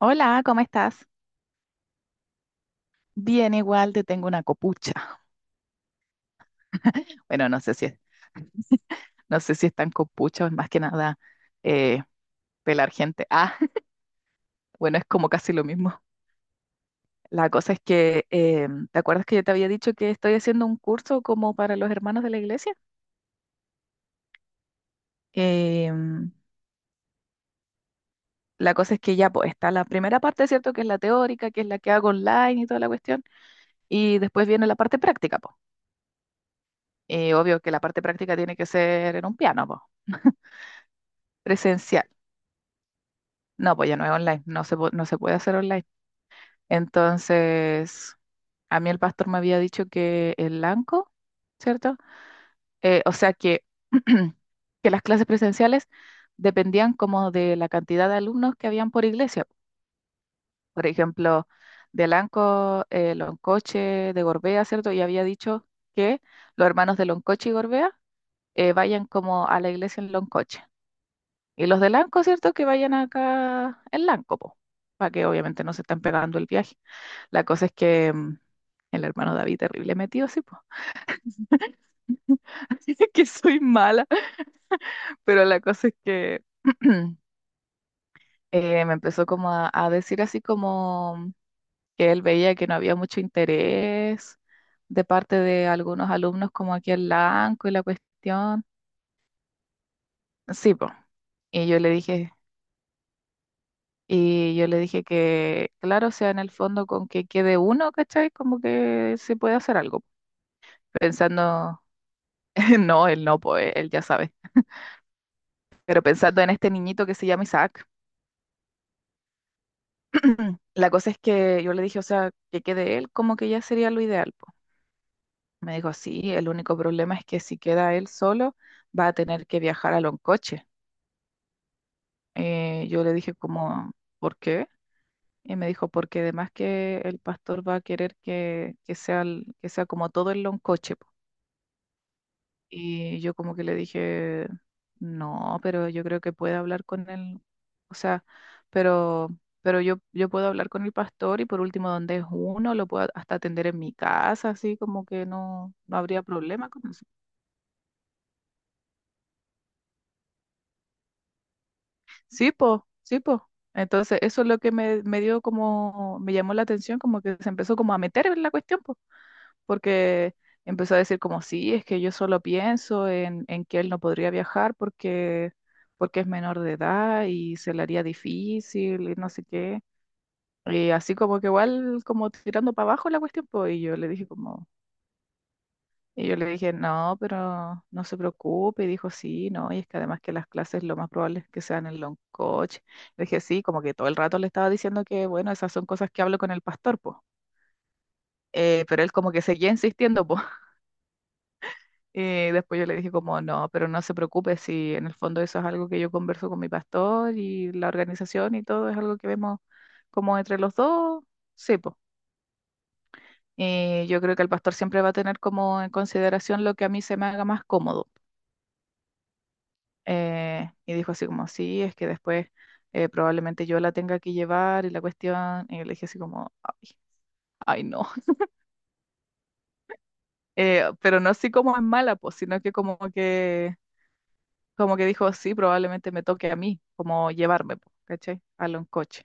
Hola, ¿cómo estás? Bien, igual te tengo una copucha. Bueno, no sé no sé si es tan copucha o es más que nada eh, pelar gente. Ah, bueno, es como casi lo mismo. La cosa es que, ¿te acuerdas que yo te había dicho que estoy haciendo un curso como para los hermanos de la iglesia? Em, la cosa es que ya pues, está la primera parte, ¿cierto? Que es la teórica, que es la que hago online y toda la cuestión. Y después viene la parte práctica, pues. Y obvio que la parte práctica tiene que ser en un piano, pues. Presencial. No, pues ya no es online, no no se puede hacer online. Entonces, a mí el pastor me había dicho que el blanco, ¿cierto? Eh, o sea que, que las clases presenciales dependían como de la cantidad de alumnos que habían por iglesia. Por ejemplo, de Lanco, Loncoche, de Gorbea, ¿cierto? Y había dicho que los hermanos de Loncoche y Gorbea vayan como a la iglesia en Loncoche. Y los de Lanco, ¿cierto? Que vayan acá en Lanco, po, para que obviamente no se estén pegando el viaje. La cosa es que el hermano David, terrible metido, sí, po. Así que soy mala, pero la cosa es que me empezó como a decir así como que él veía que no había mucho interés de parte de algunos alumnos como aquí en Lanco y la cuestión. Sí, po. Y yo le dije, Y yo le dije que, claro, o sea, en el fondo con que quede uno, ¿cachai? Como que se puede hacer algo. Pensando, no, él no, pues él ya sabe. Pero pensando en este niñito que se llama Isaac, la cosa es que yo le dije, o sea, que quede él, como que ya sería lo ideal, po. Me dijo, sí, el único problema es que si queda él solo, va a tener que viajar a Loncoche. Yo le dije, como, ¿por qué? Y me dijo, porque además que el pastor va a querer que sea, que sea como todo el Loncoche. Y yo como que le dije, no, pero yo creo que puede hablar con él, o sea, pero, pero yo puedo hablar con el pastor y por último donde es uno, lo puedo hasta atender en mi casa, así como que no, no habría problema con eso. Sí, po, sí, po. Entonces eso es lo que me dio como, me llamó la atención, como que se empezó como a meter en la cuestión, po. Porque empezó a decir como, sí, es que yo solo pienso en que él no podría viajar porque es menor de edad y se le haría difícil y no sé qué. Y así como que igual, como tirando para abajo la cuestión, pues, y yo le dije, no, pero no se preocupe, y dijo, sí, no, y es que además que las clases lo más probable es que sean en long coach. Le dije, sí, como que todo el rato le estaba diciendo que, bueno, esas son cosas que hablo con el pastor, pues. Pero él como que seguía insistiendo, pues. Y después yo le dije como, no, pero no se preocupe si en el fondo eso es algo que yo converso con mi pastor y la organización y todo es algo que vemos como entre los dos, sí, pues. Y yo creo que el pastor siempre va a tener como en consideración lo que a mí se me haga más cómodo. Y dijo así como, sí, es que después probablemente yo la tenga que llevar y la cuestión. Y yo le dije así como, ay, ay no. Pero no así como es mala, pues, sino que como que dijo, sí, probablemente me toque a mí, como llevarme, po, ¿cachai? A lo en coche.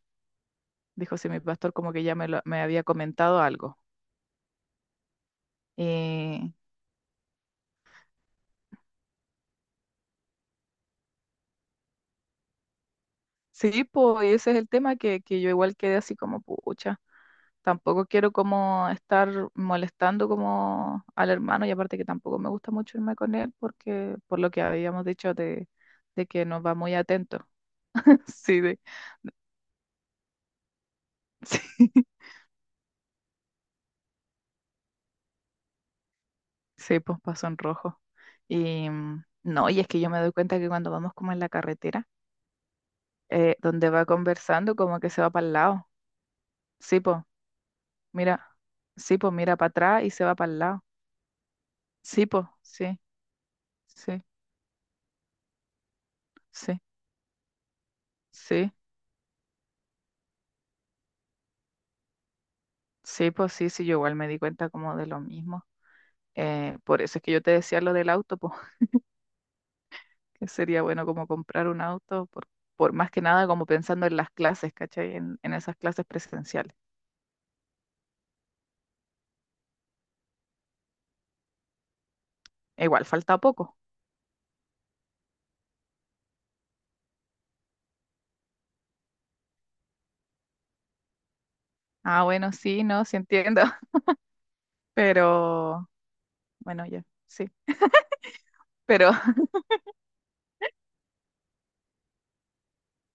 Dijo, sí, mi pastor como que ya me había comentado algo. Eh, sí, pues ese es el tema que yo igual quedé así como, pucha, tampoco quiero como estar molestando como al hermano y aparte que tampoco me gusta mucho irme con él porque por lo que habíamos dicho de que nos va muy atento. Sí, de, sí. Sí, pues pasó en rojo. Y no, y es que yo me doy cuenta que cuando vamos como en la carretera, donde va conversando, como que se va para el lado. Sí, pues, mira, sí, pues, mira para atrás y se va para el lado. Sí, pues, sí, sí, sí, sí, sí, pues, sí, sí, yo igual me di cuenta como de lo mismo. Por eso es que yo te decía lo del auto, pues, que sería bueno como comprar un auto, por más que nada como pensando en las clases, ¿cachai? En esas clases presenciales. E igual falta poco. Ah, bueno, sí, no, sí entiendo. Pero, bueno, ya, sí. Pero,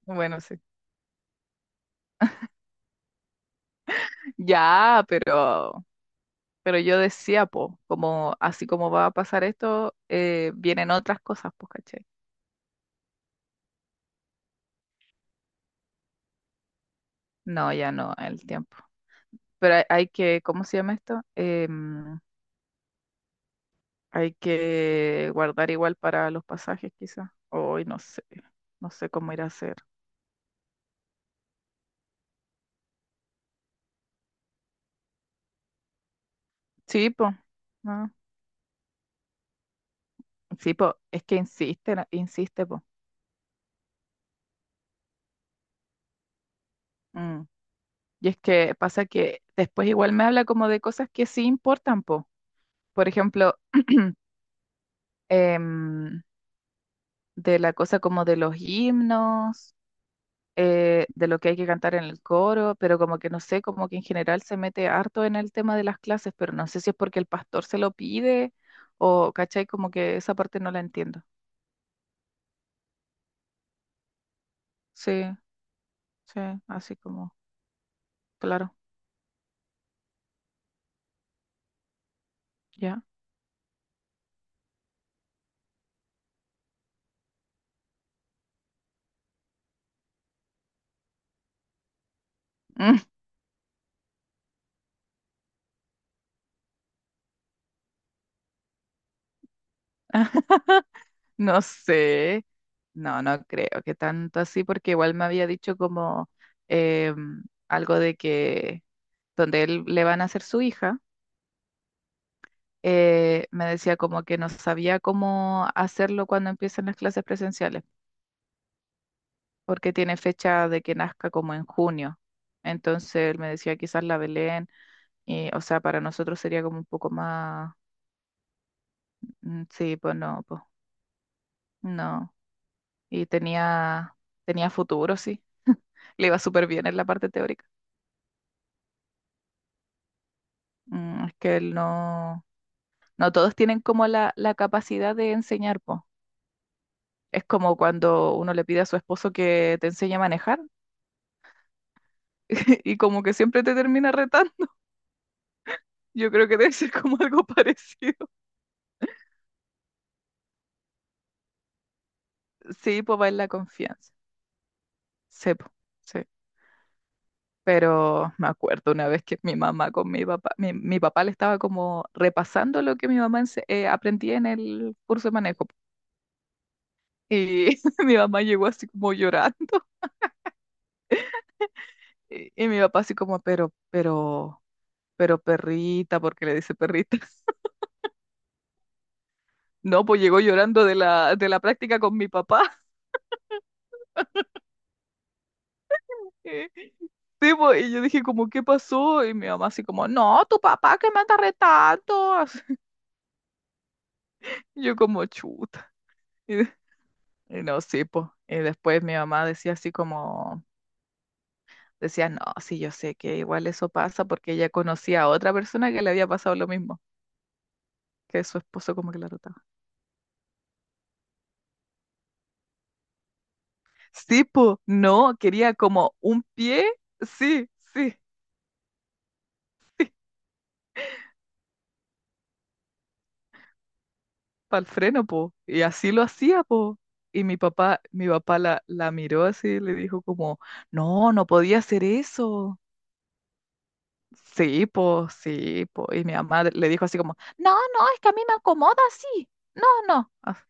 bueno, sí. Ya, pero yo decía, po, como, así como va a pasar esto, vienen otras cosas, pues, ¿cachai? No, ya no, el tiempo. Pero hay que, ¿cómo se llama esto? Hay que guardar igual para los pasajes, quizás. Hoy no sé, no sé cómo ir a hacer. Sí, po. Ah, sí, po, es que insiste, insiste, po. Mm. Y es que pasa que después igual me habla como de cosas que sí importan, po. Por ejemplo, em, de la cosa como de los himnos, de lo que hay que cantar en el coro, pero como que no sé, como que en general se mete harto en el tema de las clases, pero no sé si es porque el pastor se lo pide o, ¿cachai? Como que esa parte no la entiendo. Sí, sí, así como, claro, ya. No sé, no, no creo que tanto así, porque igual me había dicho como em, algo de que donde él le van a hacer su hija, me decía como que no sabía cómo hacerlo cuando empiezan las clases presenciales, porque tiene fecha de que nazca como en junio. Entonces él me decía quizás la Belén, y, o sea, para nosotros sería como un poco más, sí, pues no, pues no. Y tenía, tenía futuro, sí, le iba súper bien en la parte teórica. Mm, es que él no, no todos tienen como la capacidad de enseñar, po. Es como cuando uno le pide a su esposo que te enseñe a manejar y como que siempre te termina retando. Yo creo que debe ser como algo parecido. Sí, pues va en la confianza. Sí, po, sí. Pero me acuerdo una vez que mi mamá con mi papá, mi papá le estaba como repasando lo que mi mamá aprendía en el curso de manejo. Po. Y mi mamá llegó así como llorando. Y mi papá así como, pero perrita, ¿porque le dice perrita? No, pues llegó llorando de la práctica con mi papá. Sí, pues, y yo dije como, ¿qué pasó? Y mi mamá así como, no, tu papá que me anda retando. Así, y yo como, chuta. Y, de- y no, sí, pues. Y después mi mamá decía así como, decía, no, sí, yo sé que igual eso pasa porque ella conocía a otra persona que le había pasado lo mismo, que su esposo como que la retaba. Sí, pues, no, quería como un pie, sí, sí. Para el freno, po. Y así lo hacía, po. Y mi papá, mi papá la miró así y le dijo como, no, no podía hacer eso. Sí, po, sí, po. Y mi mamá le dijo así como, no, no, es que a mí me acomoda así. No, no. Ah,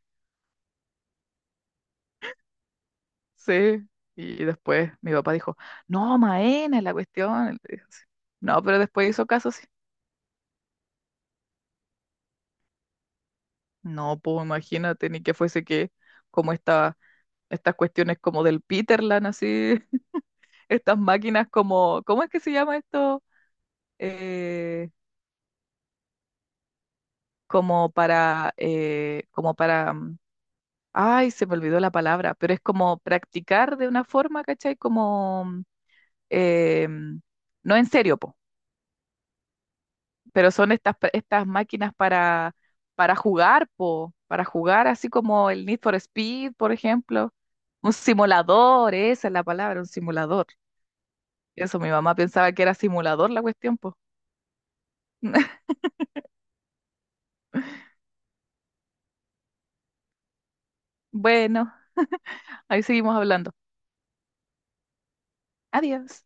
sí. Y después mi papá dijo, no, Maena, es la cuestión. Y le dijo así. No, pero después hizo caso, sí. No, pues imagínate, ni que fuese que como esta, estas cuestiones como del Peterland, así, estas máquinas como, ¿cómo es que se llama esto? Eh, como para, como para, ay, se me olvidó la palabra, pero es como practicar de una forma, ¿cachai? Como, eh, mm, no en serio, po, pero son estas, estas máquinas para jugar, po, para jugar así como el Need for Speed, por ejemplo, un simulador, esa es la palabra, un simulador. Eso, mi mamá pensaba que era simulador la cuestión, po. Bueno, ahí seguimos hablando. Adiós.